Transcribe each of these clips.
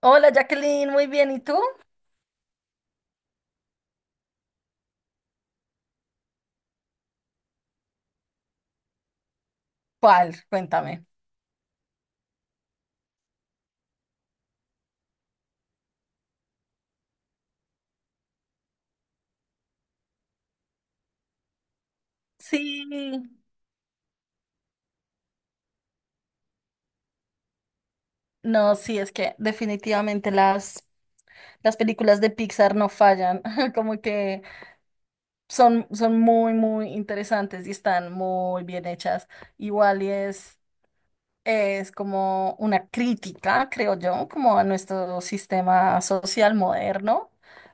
Hola Jacqueline, muy bien. ¿Y tú? ¿Cuál? Cuéntame. Sí, no, sí, es que definitivamente las películas de Pixar no fallan, como que son muy, muy interesantes y están muy bien hechas. Igual y es como una crítica, creo yo, como a nuestro sistema social moderno.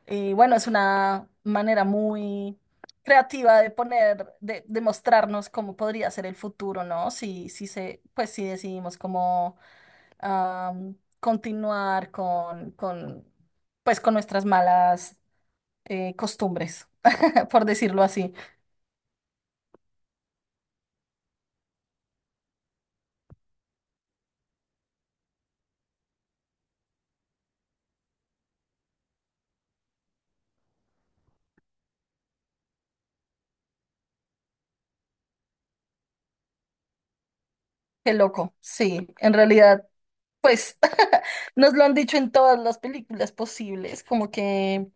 Y bueno, es una manera muy creativa de poner, de mostrarnos cómo podría ser el futuro, ¿no? Si, si se, pues si decidimos como continuar pues con nuestras malas, costumbres, por decirlo así. Qué loco. Sí, en realidad. Pues nos lo han dicho en todas las películas posibles, como que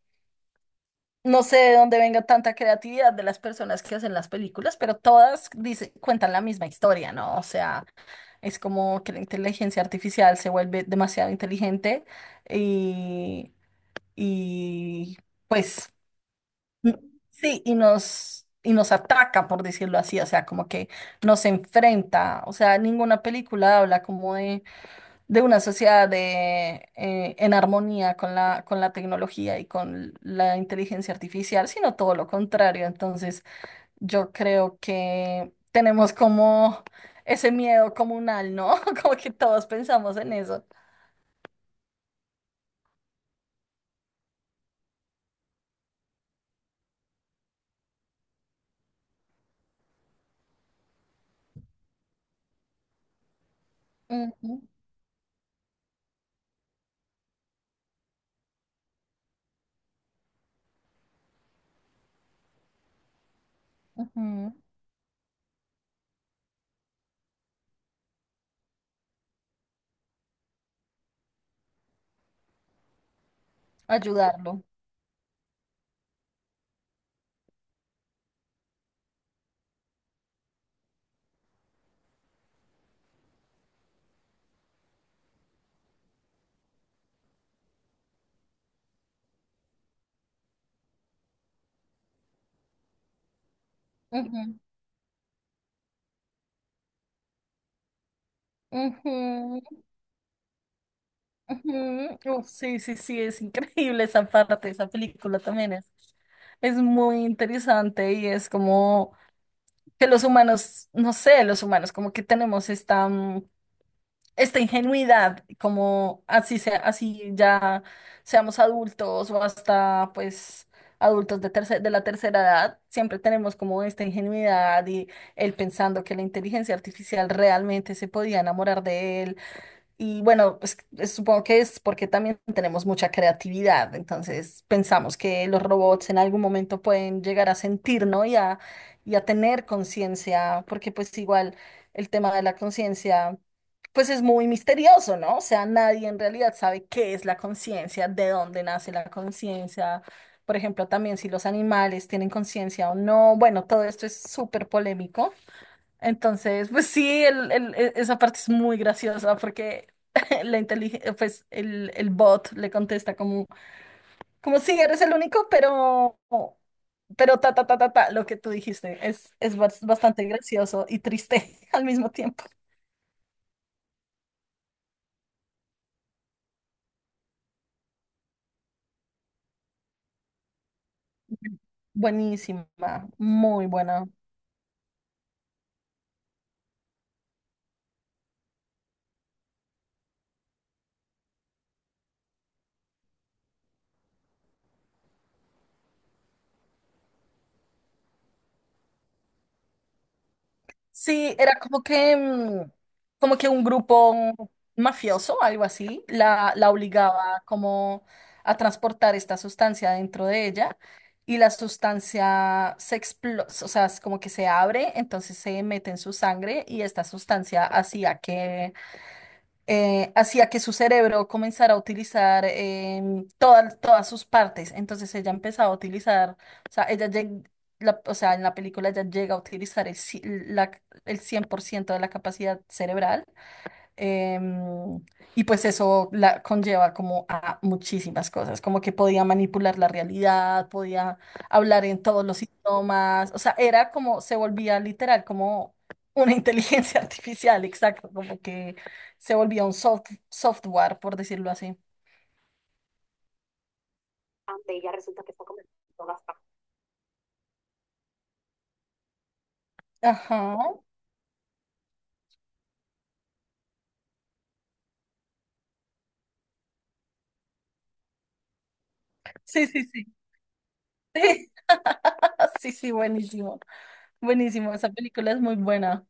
no sé de dónde venga tanta creatividad de las personas que hacen las películas, pero todas cuentan la misma historia, ¿no? O sea, es como que la inteligencia artificial se vuelve demasiado inteligente y, y pues n- sí, y nos... Y nos ataca, por decirlo así, o sea, como que nos enfrenta, o sea, ninguna película habla como de una sociedad de, en armonía con la tecnología y con la inteligencia artificial, sino todo lo contrario. Entonces, yo creo que tenemos como ese miedo comunal, ¿no? Como que todos pensamos en eso. Ujú, ujú. Ayudarlo. Ujú, ujú, ujú. Uf, sí, sí, sí, es increíble esa parte, esa película también es muy interesante y es como... que los humanos, no sé, los humanos como que tenemos esta ingenuidad, como así sea, así ya seamos adultos o hasta pues adultos de de la tercera edad, siempre tenemos como esta ingenuidad y él pensando que la inteligencia artificial realmente se podía enamorar de él y bueno, pues supongo que es porque también tenemos mucha creatividad, entonces pensamos que los robots en algún momento pueden llegar a sentir, ¿no? Y a tener conciencia, porque pues igual el tema de la conciencia, pues es muy misterioso, ¿no? O sea, nadie en realidad sabe qué es la conciencia, de dónde nace la conciencia, por ejemplo, también si los animales tienen conciencia o no, bueno, todo esto es súper polémico. Entonces, pues sí, esa parte es muy graciosa porque la inteligencia, pues el bot le contesta como, como sí, eres el único, pero, lo que tú dijiste es, es bastante gracioso y triste al mismo tiempo. Buenísima, muy buena. Sí, era como que un grupo mafioso, algo así, la obligaba como a transportar esta sustancia dentro de ella y la sustancia se explota, o sea, es como que se abre, entonces se mete en su sangre y esta sustancia hacía que su cerebro comenzara a utilizar todas sus partes. Entonces ella empezaba a utilizar, o sea, o sea, en la película ella llega a utilizar la, el 100% de la capacidad cerebral. Em, y pues eso la conlleva como a muchísimas cosas, como que podía manipular la realidad, podía hablar en todos los idiomas, o sea, era como, se volvía literal como una inteligencia artificial, exacto, como que se volvía un software, por decirlo así. Ajá. Sí, sí, sí. Sí, sí, sí, buenísimo. Buenísimo, esa película es muy buena.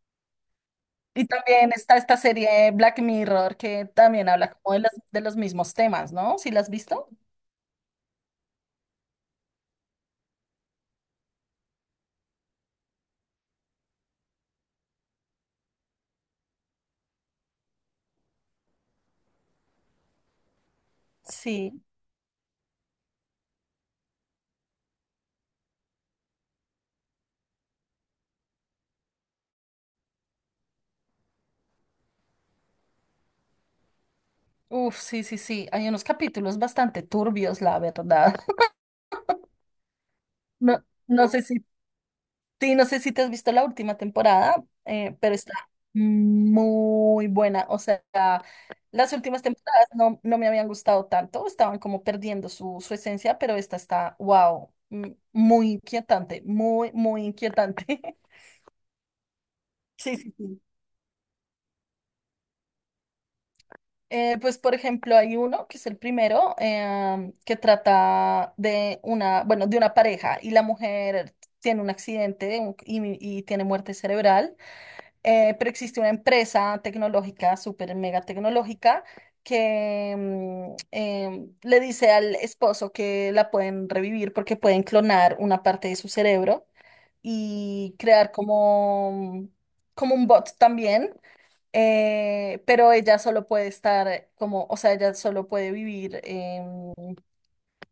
Y también está esta serie Black Mirror que también habla como de los mismos temas, ¿no? ¿Sí la has visto? Sí. Uf, sí, sí, sí. Hay unos capítulos bastante turbios, la verdad. No, no sé si, sí, no sé si te has visto la última temporada, pero está muy buena. O sea, las últimas temporadas no, no me habían gustado tanto, estaban como perdiendo su esencia, pero esta está, wow, muy inquietante, muy, muy inquietante. Sí, sí, sí. Pues, por ejemplo, hay uno que es el primero que trata de una, bueno, de una pareja y la mujer tiene un accidente y tiene muerte cerebral, pero existe una empresa tecnológica, súper mega tecnológica, que le dice al esposo que la pueden revivir porque pueden clonar una parte de su cerebro y crear como, como un bot también, pero ella solo puede estar como, o sea, ella solo puede vivir em,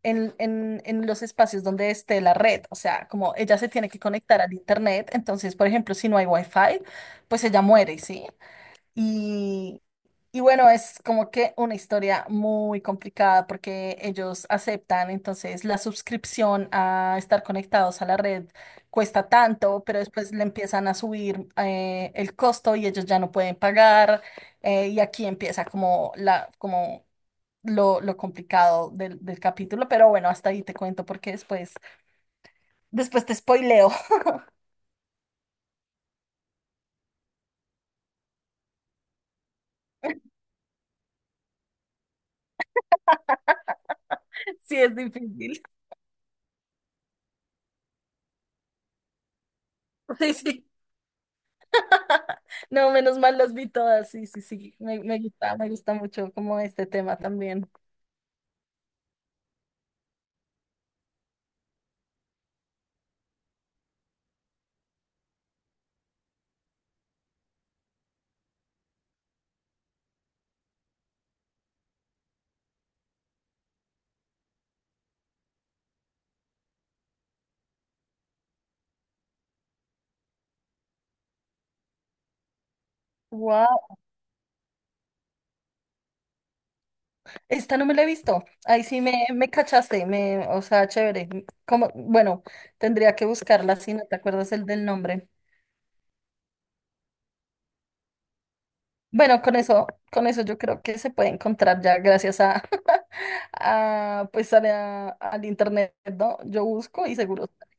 en, en, en los espacios donde esté la red, o sea, como ella se tiene que conectar al internet, entonces, por ejemplo, si no hay wifi, pues ella muere, ¿sí? Y, y bueno, es como que una historia muy complicada porque ellos aceptan, entonces la suscripción a estar conectados a la red cuesta tanto, pero después le empiezan a subir el costo y ellos ya no pueden pagar. Y aquí empieza como lo complicado del capítulo, pero bueno, hasta ahí te cuento porque después, te spoileo. Sí, es difícil. Sí, sí. No, menos mal las vi todas, sí, sí, sí, me gusta mucho como este tema también. Wow, esta no me la he visto, ahí sí me cachaste, o sea, chévere, como, bueno, tendría que buscarla si no te acuerdas el del nombre. Bueno, con eso yo creo que se puede encontrar ya gracias a, a pues a al internet, ¿no? Yo busco y seguro sale.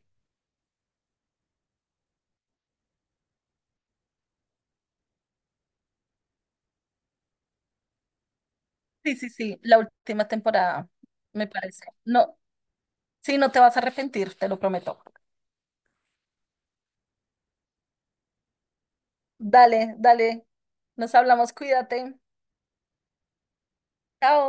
Sí, sí, sí, la última temporada, me parece. No, sí, no te vas a arrepentir, te lo prometo. Dale, dale. Nos hablamos, cuídate. Chao.